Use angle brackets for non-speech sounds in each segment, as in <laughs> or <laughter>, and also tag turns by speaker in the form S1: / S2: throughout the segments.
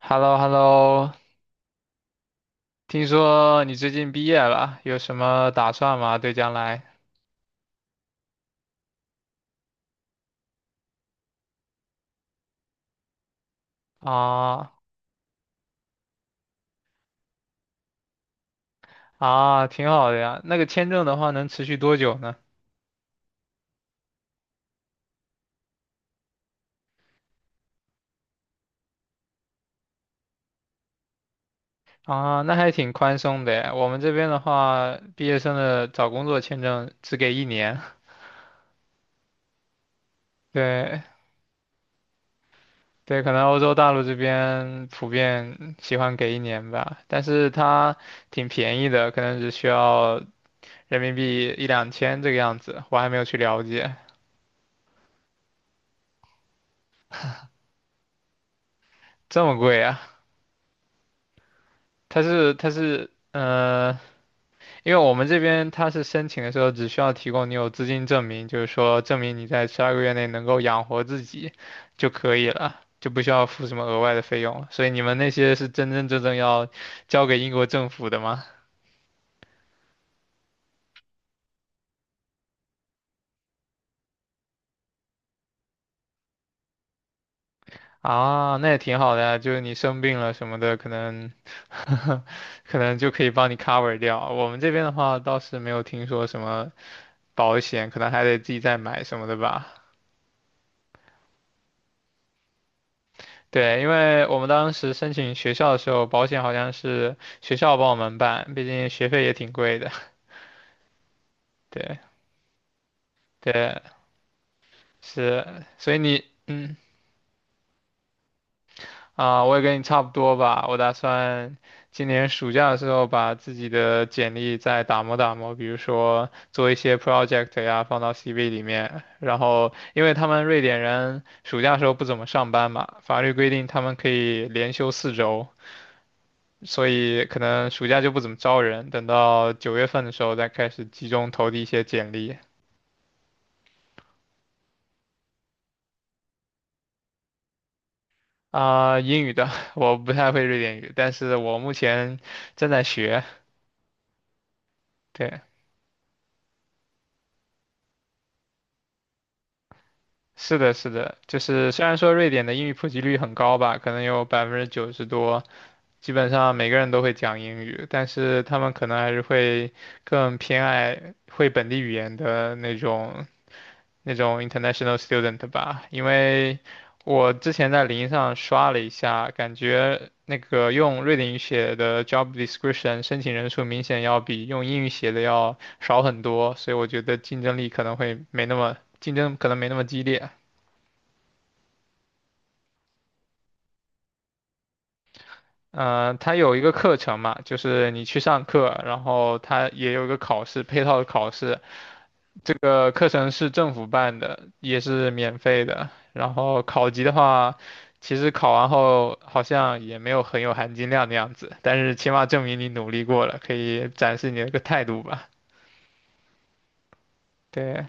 S1: h e l l o h e l l o 听说你最近毕业了，有什么打算吗？对将来？啊啊，挺好的呀。那个签证的话能持续多久呢？啊，那还挺宽松的耶。我们这边的话，毕业生的找工作签证只给一年。<laughs> 对对，可能欧洲大陆这边普遍喜欢给一年吧，但是它挺便宜的，可能只需要人民币一两千这个样子。我还没有去了解。这么贵啊。它是它是呃，因为我们这边它是申请的时候只需要提供你有资金证明，就是说证明你在12个月内能够养活自己就可以了，就不需要付什么额外的费用了。所以你们那些是真真正正要交给英国政府的吗？啊，那也挺好的呀，就是你生病了什么的，可能 <laughs> 可能就可以帮你 cover 掉。我们这边的话倒是没有听说什么保险，可能还得自己再买什么的吧。对，因为我们当时申请学校的时候，保险好像是学校帮我们办，毕竟学费也挺贵的。<laughs> 对对，是，所以你啊、我也跟你差不多吧。我打算今年暑假的时候把自己的简历再打磨打磨，比如说做一些 project 呀，放到 CV 里面。然后，因为他们瑞典人暑假时候不怎么上班嘛，法律规定他们可以连休四周，所以可能暑假就不怎么招人，等到九月份的时候再开始集中投递一些简历。啊、英语的 <laughs> 我不太会瑞典语，但是我目前正在学。对，是的，是的，就是虽然说瑞典的英语普及率很高吧，可能有90%多，基本上每个人都会讲英语，但是他们可能还是会更偏爱会本地语言的那种 international student 吧，因为我之前在零上刷了一下，感觉那个用瑞典语写的 job description 申请人数明显要比用英语写的要少很多，所以我觉得竞争力可能会没那么竞争可能没那么激烈。嗯，它有一个课程嘛，就是你去上课，然后它也有一个考试，配套的考试，这个课程是政府办的，也是免费的。然后考级的话，其实考完后好像也没有很有含金量的样子，但是起码证明你努力过了，可以展示你的一个态度吧。对，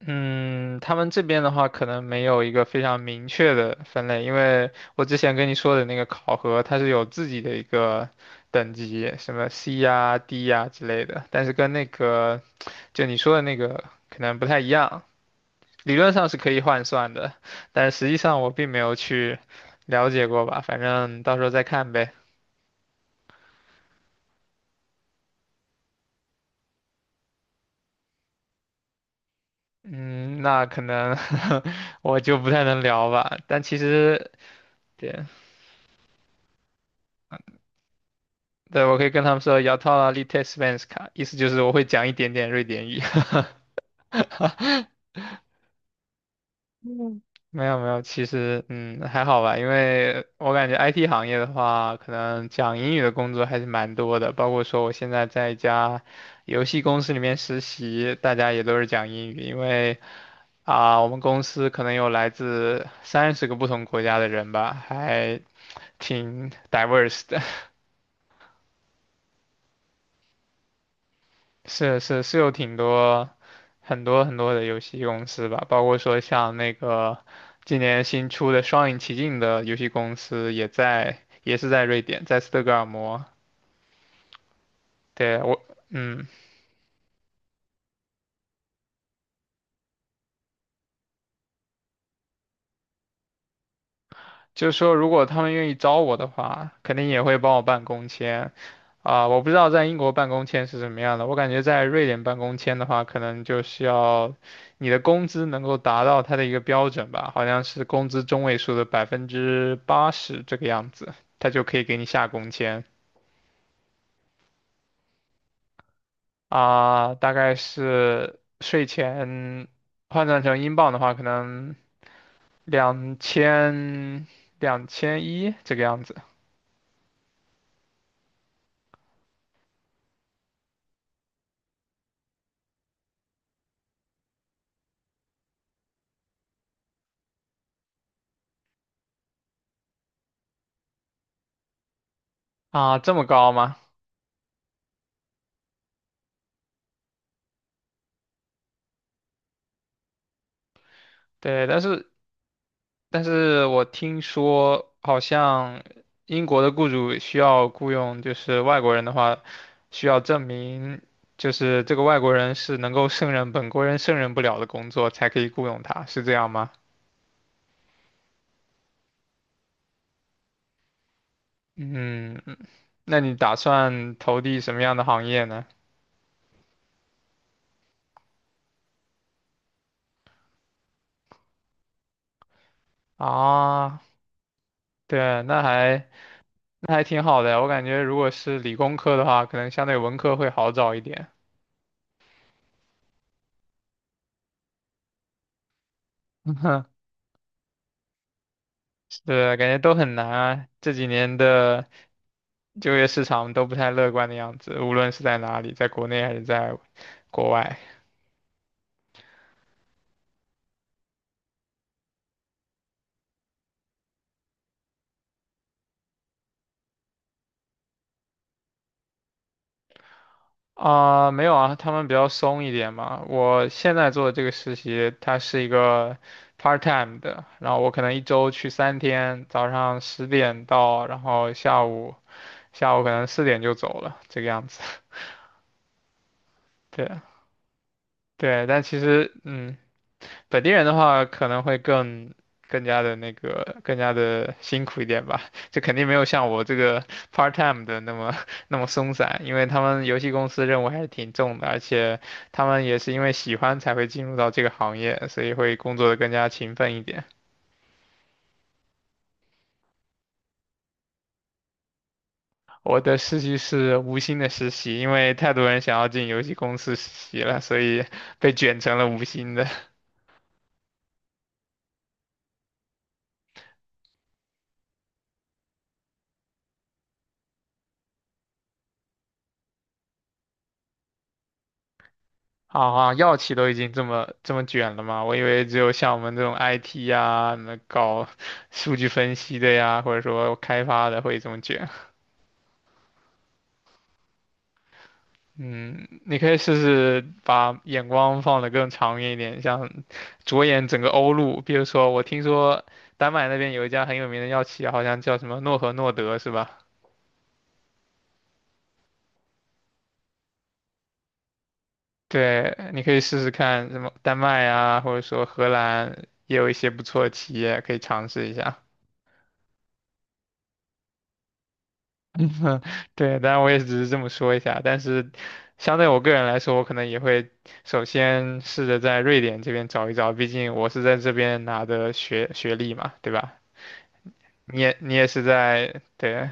S1: 嗯，他们这边的话可能没有一个非常明确的分类，因为我之前跟你说的那个考核，它是有自己的一个等级，什么 C 呀、D 呀之类的，但是跟那个就你说的那个可能不太一样。理论上是可以换算的，但实际上我并没有去了解过吧，反正到时候再看呗。嗯，那可能 <laughs> 我就不太能聊吧，但其实对对，我可以跟他们说 "jag talar lite svenska"，意思就是我会讲一点点瑞典语。<laughs> 嗯没有没有，其实还好吧，因为我感觉 IT 行业的话，可能讲英语的工作还是蛮多的，包括说我现在在一家游戏公司里面实习，大家也都是讲英语，因为啊、我们公司可能有来自30个不同国家的人吧，还挺 diverse 的。是是是有挺多很多很多的游戏公司吧，包括说像那个今年新出的《双影奇境》的游戏公司也是在瑞典，在斯德哥尔摩。对我，嗯。就是说，如果他们愿意招我的话，肯定也会帮我办工签。啊、我不知道在英国办工签是什么样的，我感觉在瑞典办工签的话，可能就是要你的工资能够达到它的一个标准吧，好像是工资中位数的80%这个样子，他就可以给你下工签。啊、大概是税前换算成英镑的话，可能两千两千一这个样子。啊、这么高吗？对，但是我听说好像英国的雇主需要雇佣就是外国人的话，需要证明就是这个外国人是能够胜任本国人胜任不了的工作才可以雇佣他，是这样吗？嗯，那你打算投递什么样的行业呢？啊，对，那还挺好的，我感觉如果是理工科的话，可能相对文科会好找一点。<laughs> 是，感觉都很难啊，这几年的。就业市场都不太乐观的样子，无论是在哪里，在国内还是在国外。啊、没有啊，他们比较松一点嘛。我现在做的这个实习，它是一个 part time 的，然后我可能一周去三天，早上十点到，然后下午可能四点就走了，这个样子。<laughs> 对对，但其实本地人的话可能会更加的辛苦一点吧，就肯定没有像我这个 part time 的那么 <laughs> 那么松散，因为他们游戏公司任务还是挺重的，而且他们也是因为喜欢才会进入到这个行业，所以会工作的更加勤奋一点。我的实习是无薪的实习，因为太多人想要进游戏公司实习了，所以被卷成了无薪的。<laughs> 啊，啊！药企都已经这么卷了吗？我以为只有像我们这种 IT 呀、那搞 <laughs> 数据分析的呀，或者说开发的会这么卷。嗯，你可以试试把眼光放得更长远一点，像着眼整个欧陆。比如说，我听说丹麦那边有一家很有名的药企，好像叫什么诺和诺德，是吧？对，你可以试试看什么丹麦啊，或者说荷兰也有一些不错的企业可以尝试一下。<laughs> 嗯对，当然我也只是这么说一下，但是相对我个人来说，我可能也会首先试着在瑞典这边找一找，毕竟我是在这边拿的学历嘛，对吧？你也是在，对，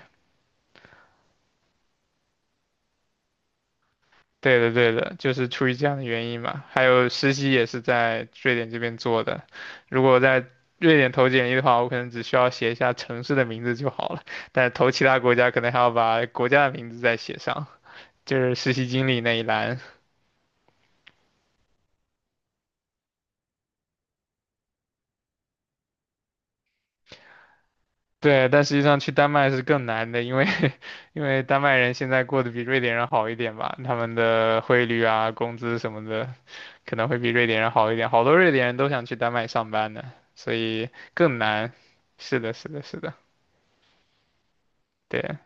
S1: 对的对的，就是出于这样的原因嘛。还有实习也是在瑞典这边做的，如果在瑞典投简历的话，我可能只需要写一下城市的名字就好了，但是投其他国家可能还要把国家的名字再写上，就是实习经历那一栏。对，但实际上去丹麦是更难的，因为 <laughs> 因为丹麦人现在过得比瑞典人好一点吧，他们的汇率啊、工资什么的，可能会比瑞典人好一点。好多瑞典人都想去丹麦上班呢，所以更难。是的，是的，是的，对。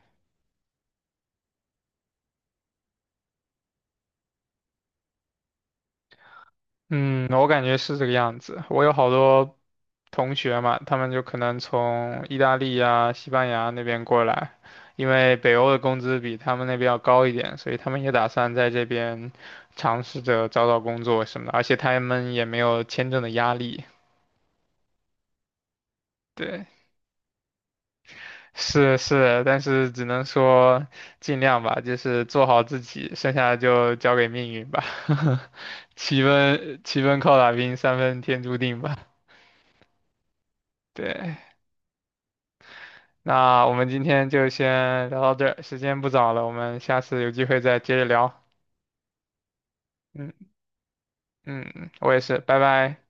S1: 嗯，我感觉是这个样子。我有好多同学嘛，他们就可能从意大利呀、西班牙那边过来，因为北欧的工资比他们那边要高一点，所以他们也打算在这边尝试着找找工作什么的，而且他们也没有签证的压力。对，是是，但是只能说尽量吧，就是做好自己，剩下的就交给命运吧。<laughs> 七分靠打拼，三分天注定吧。对。那我们今天就先聊到这儿，时间不早了，我们下次有机会再接着聊。嗯嗯，我也是，拜拜。